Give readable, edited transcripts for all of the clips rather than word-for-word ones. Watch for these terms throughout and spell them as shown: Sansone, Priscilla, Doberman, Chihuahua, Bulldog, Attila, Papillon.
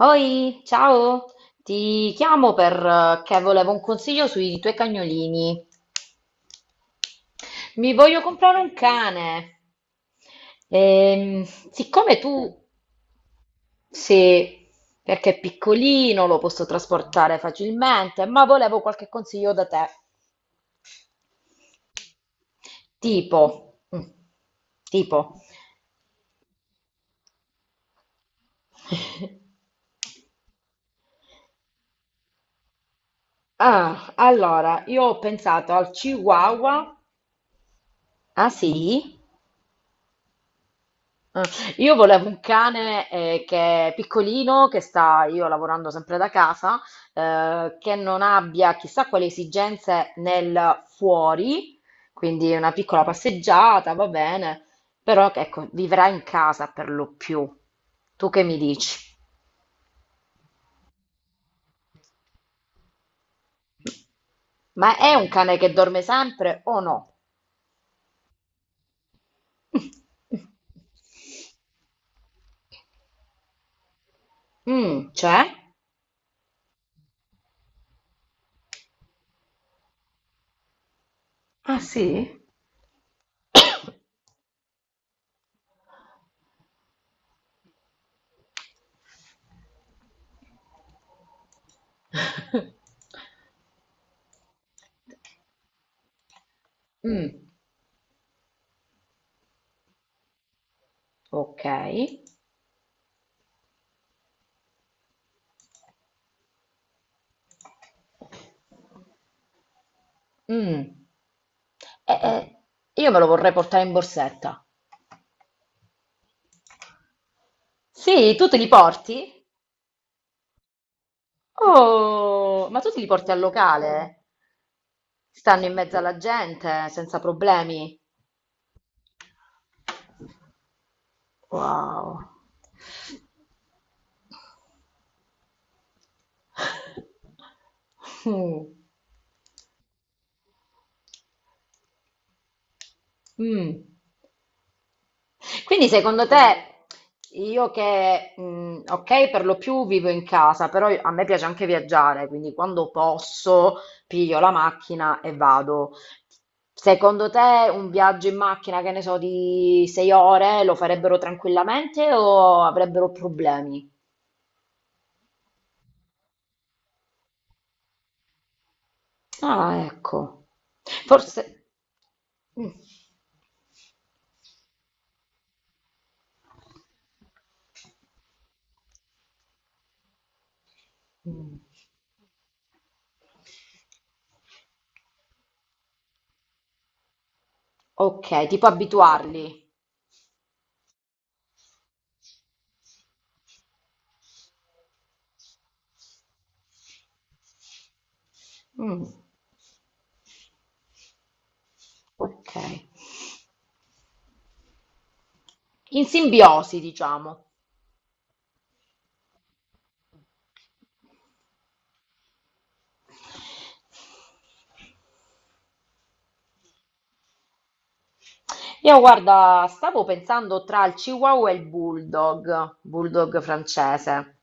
Oi, ciao, ti chiamo perché volevo un consiglio sui tuoi cagnolini. Mi voglio comprare un cane. Ehm, siccome tu sei, perché è piccolino, lo posso trasportare facilmente, ma volevo qualche consiglio da te. Tipo, mm, tipo. Ah, allora, io ho pensato al Chihuahua. Ah, sì? Ah, io volevo un cane che è piccolino, che sta io lavorando sempre da casa, che non abbia chissà quali esigenze nel fuori, quindi una piccola passeggiata, va bene, però ecco, vivrà in casa per lo più. Tu che mi dici? Ma è un cane che dorme sempre o no? Mm, c'è? Ah sì? Mm, ok. Mm. Eh, eh, io me lo vorrei portare in borsetta. Sì, tu te li porti? Oh, ma tu te li porti al locale? Stanno in mezzo alla gente, senza problemi. Wow. Mm. Mm. Quindi, te, io che, ok, per lo più vivo in casa, però a me piace anche viaggiare, quindi quando posso piglio la macchina e vado. Secondo te un viaggio in macchina, che ne so, di 6 ore lo farebbero tranquillamente o avrebbero problemi? Ah, ecco. Forse. Mm. Mm. Ok, tipo abituarli. Mm. Ok. In simbiosi, diciamo. Io guarda, stavo pensando tra il Chihuahua e il Bulldog, Bulldog francese,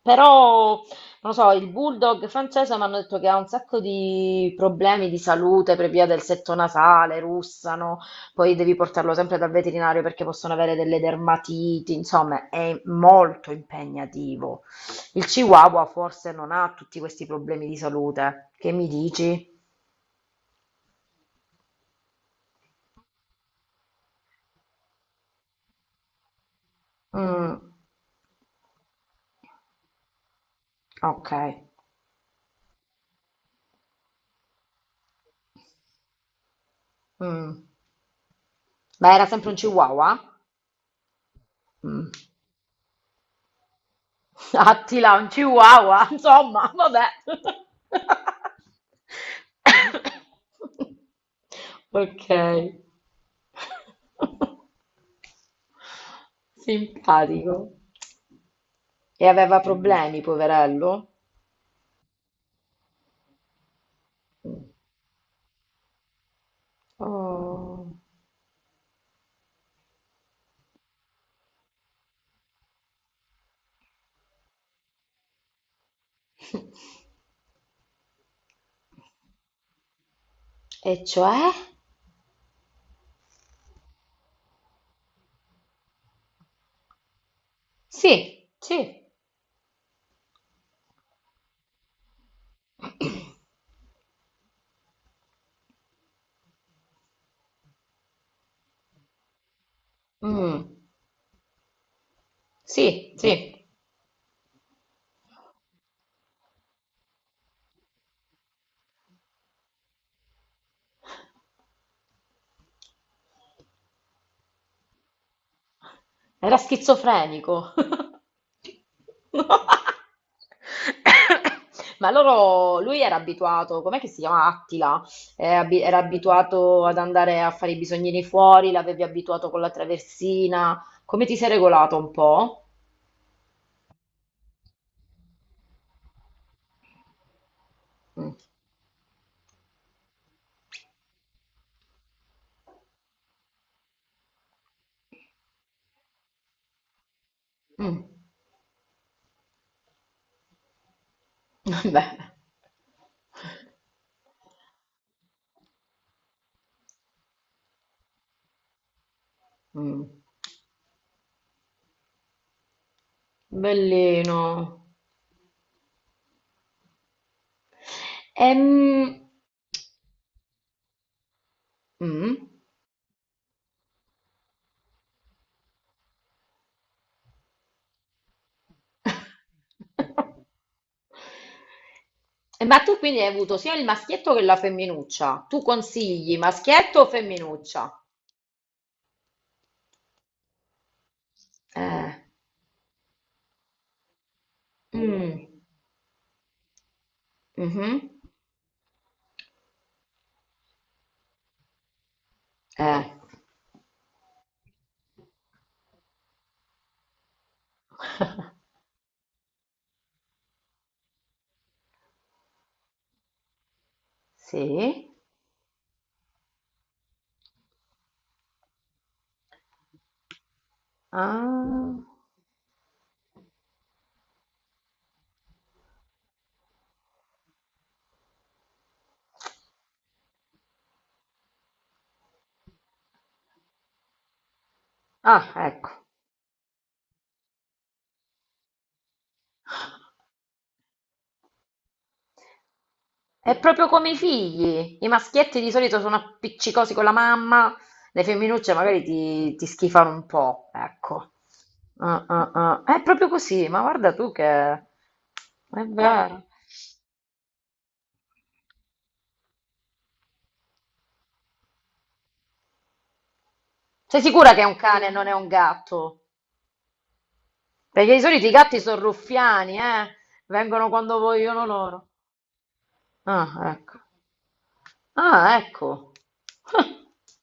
però non lo so, il Bulldog francese mi hanno detto che ha un sacco di problemi di salute per via del setto nasale, russano, poi devi portarlo sempre dal veterinario perché possono avere delle dermatiti, insomma è molto impegnativo. Il Chihuahua forse non ha tutti questi problemi di salute, che mi dici? Mm, ok. Mm. Ma era sempre un chihuahua? Mm. Attila, un chihuahua, insomma, vabbè. Ok, simpatico. E aveva problemi, poverello? Mm. Oh. E cioè? Sì, sì. Mm. Sì, sì. Era schizofrenico. No. Ma loro, lui era abituato, com'è che si chiama Attila? Era abituato ad andare a fare i bisognini fuori, l'avevi abituato con la traversina. Come ti sei regolato un po'? Mm. Mm. Beh. Mm. Bellino. Ehm, mm. Eh, Ma tu quindi hai avuto sia il maschietto che la femminuccia. Tu consigli maschietto o femminuccia? Eh. Mm, mhm, eh. Sì. Ah, ah, ecco. È proprio come i figli. I maschietti di solito sono appiccicosi con la mamma, le femminucce magari ti schifano un po', ecco. Ah, ah, ah. È proprio così, ma guarda tu che. È vero. Sei sicura che è un cane e non è un gatto? Perché di solito i gatti sono ruffiani, eh? Vengono quando vogliono loro. Ah, ecco. Ah, ecco.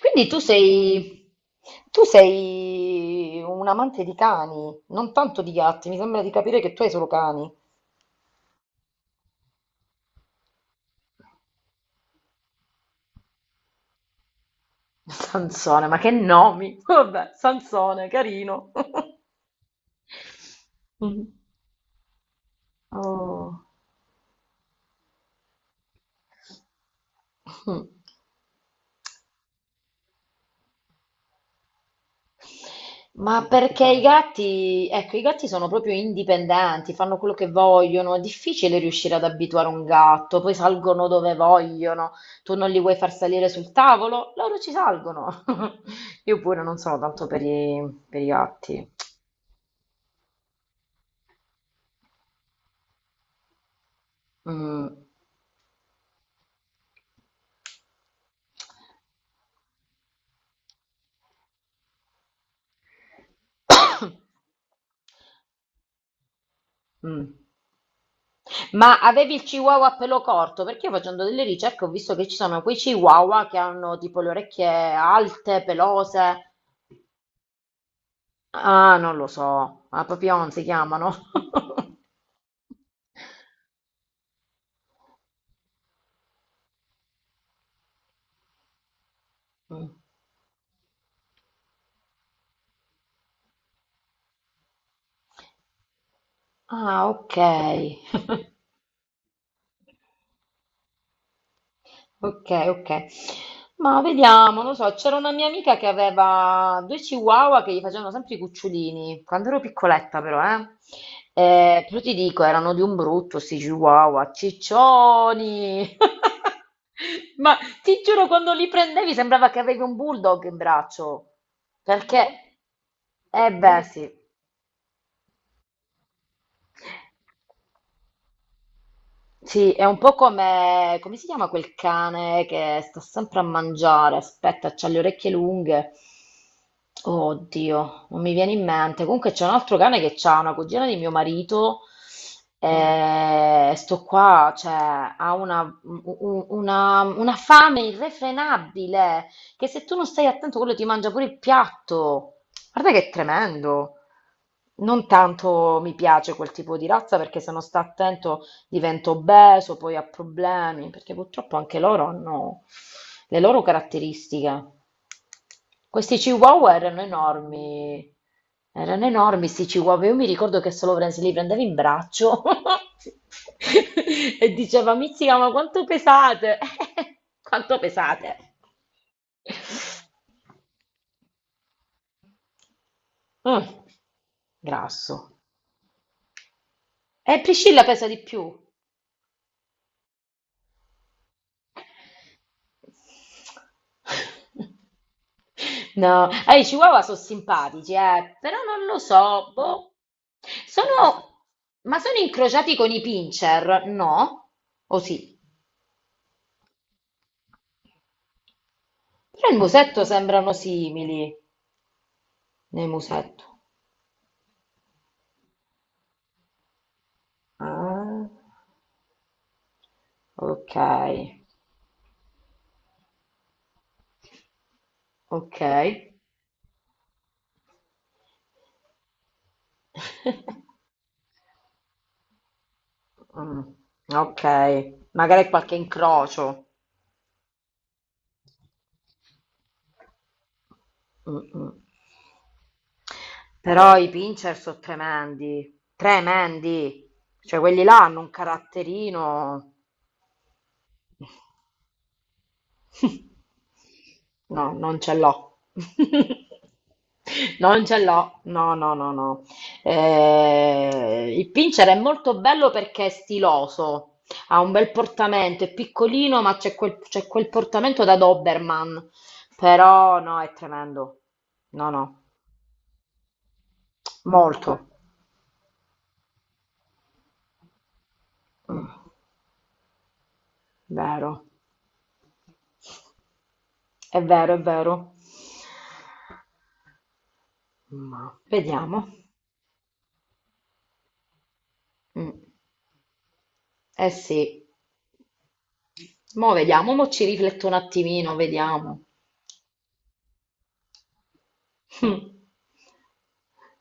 Quindi tu sei un amante di cani, non tanto di gatti. Mi sembra di capire che tu hai solo cani. Sansone, ma che nomi! Vabbè, Sansone, carino. Mm. Oh. Mm. Ma perché i gatti, ecco, i gatti sono proprio indipendenti, fanno quello che vogliono, è difficile riuscire ad abituare un gatto, poi salgono dove vogliono, tu non li vuoi far salire sul tavolo, loro ci salgono. Io pure non sono tanto per i gatti. Mm. Mm. Ma avevi il chihuahua a pelo corto? Perché io facendo delle ricerche ho visto che ci sono quei chihuahua che hanno tipo le orecchie alte, pelose. Ah, non lo so, a Papillon si chiamano. Ah, ok, ok, ok. Ma vediamo, non so, c'era una mia amica che aveva due chihuahua che gli facevano sempre i cucciolini, quando ero piccoletta però, eh. Però ti dico, erano di un brutto sti chihuahua, ciccioni. Ma ti giuro, quando li prendevi sembrava che avevi un bulldog in braccio, perché. Eh beh, sì. Sì, è un po' come, come si chiama quel cane che sta sempre a mangiare, aspetta, c'ha le orecchie lunghe. Oddio, non mi viene in mente. Comunque c'è un altro cane che c'ha una cugina di mio marito. Mm. E sto qua, cioè, ha una fame irrefrenabile che se tu non stai attento, quello ti mangia pure il piatto. Guarda che è tremendo. Non tanto mi piace quel tipo di razza perché se non sta attento diventa obeso, poi ha problemi, perché purtroppo anche loro hanno le loro caratteristiche. Questi chihuahua erano enormi questi chihuahua. Io mi ricordo che solo se li prendevi in braccio e diceva, Mizzica, ma quanto pesate? Quanto pesate? Mm, grasso. E Priscilla pesa di più. No, i Chihuahua sono simpatici, però non lo so, boh. Sono, ma sono incrociati con i pincher? No? O sì? Però il musetto sembrano simili nel musetto. Ah, ok, ok. Mm, ok, magari qualche incrocio. Mm-mm. Però i pincher sono tremendi, tremendi. Cioè, quelli là hanno un caratterino. No, non ce l'ho. Non ce l'ho. No, no, no, no. Il pincher è molto bello perché è stiloso. Ha un bel portamento, è piccolino, ma c'è quel portamento da Doberman. Però no, è tremendo. No, no, molto. Vero, è vero, è vero. Ma vediamo. Mm. Eh sì, mo vediamo, mo ci rifletto un attimino, vediamo. Mm.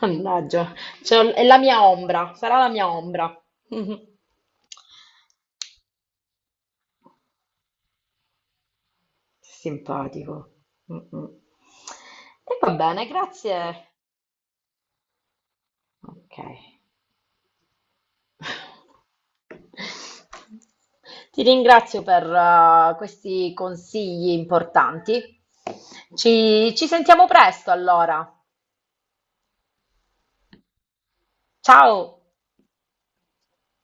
Mannaggia, è la mia ombra, sarà la mia ombra. Simpatico. Mm, mm. E va bene, grazie. Ok. Ti ringrazio per questi consigli importanti. Ci sentiamo presto allora. Ciao!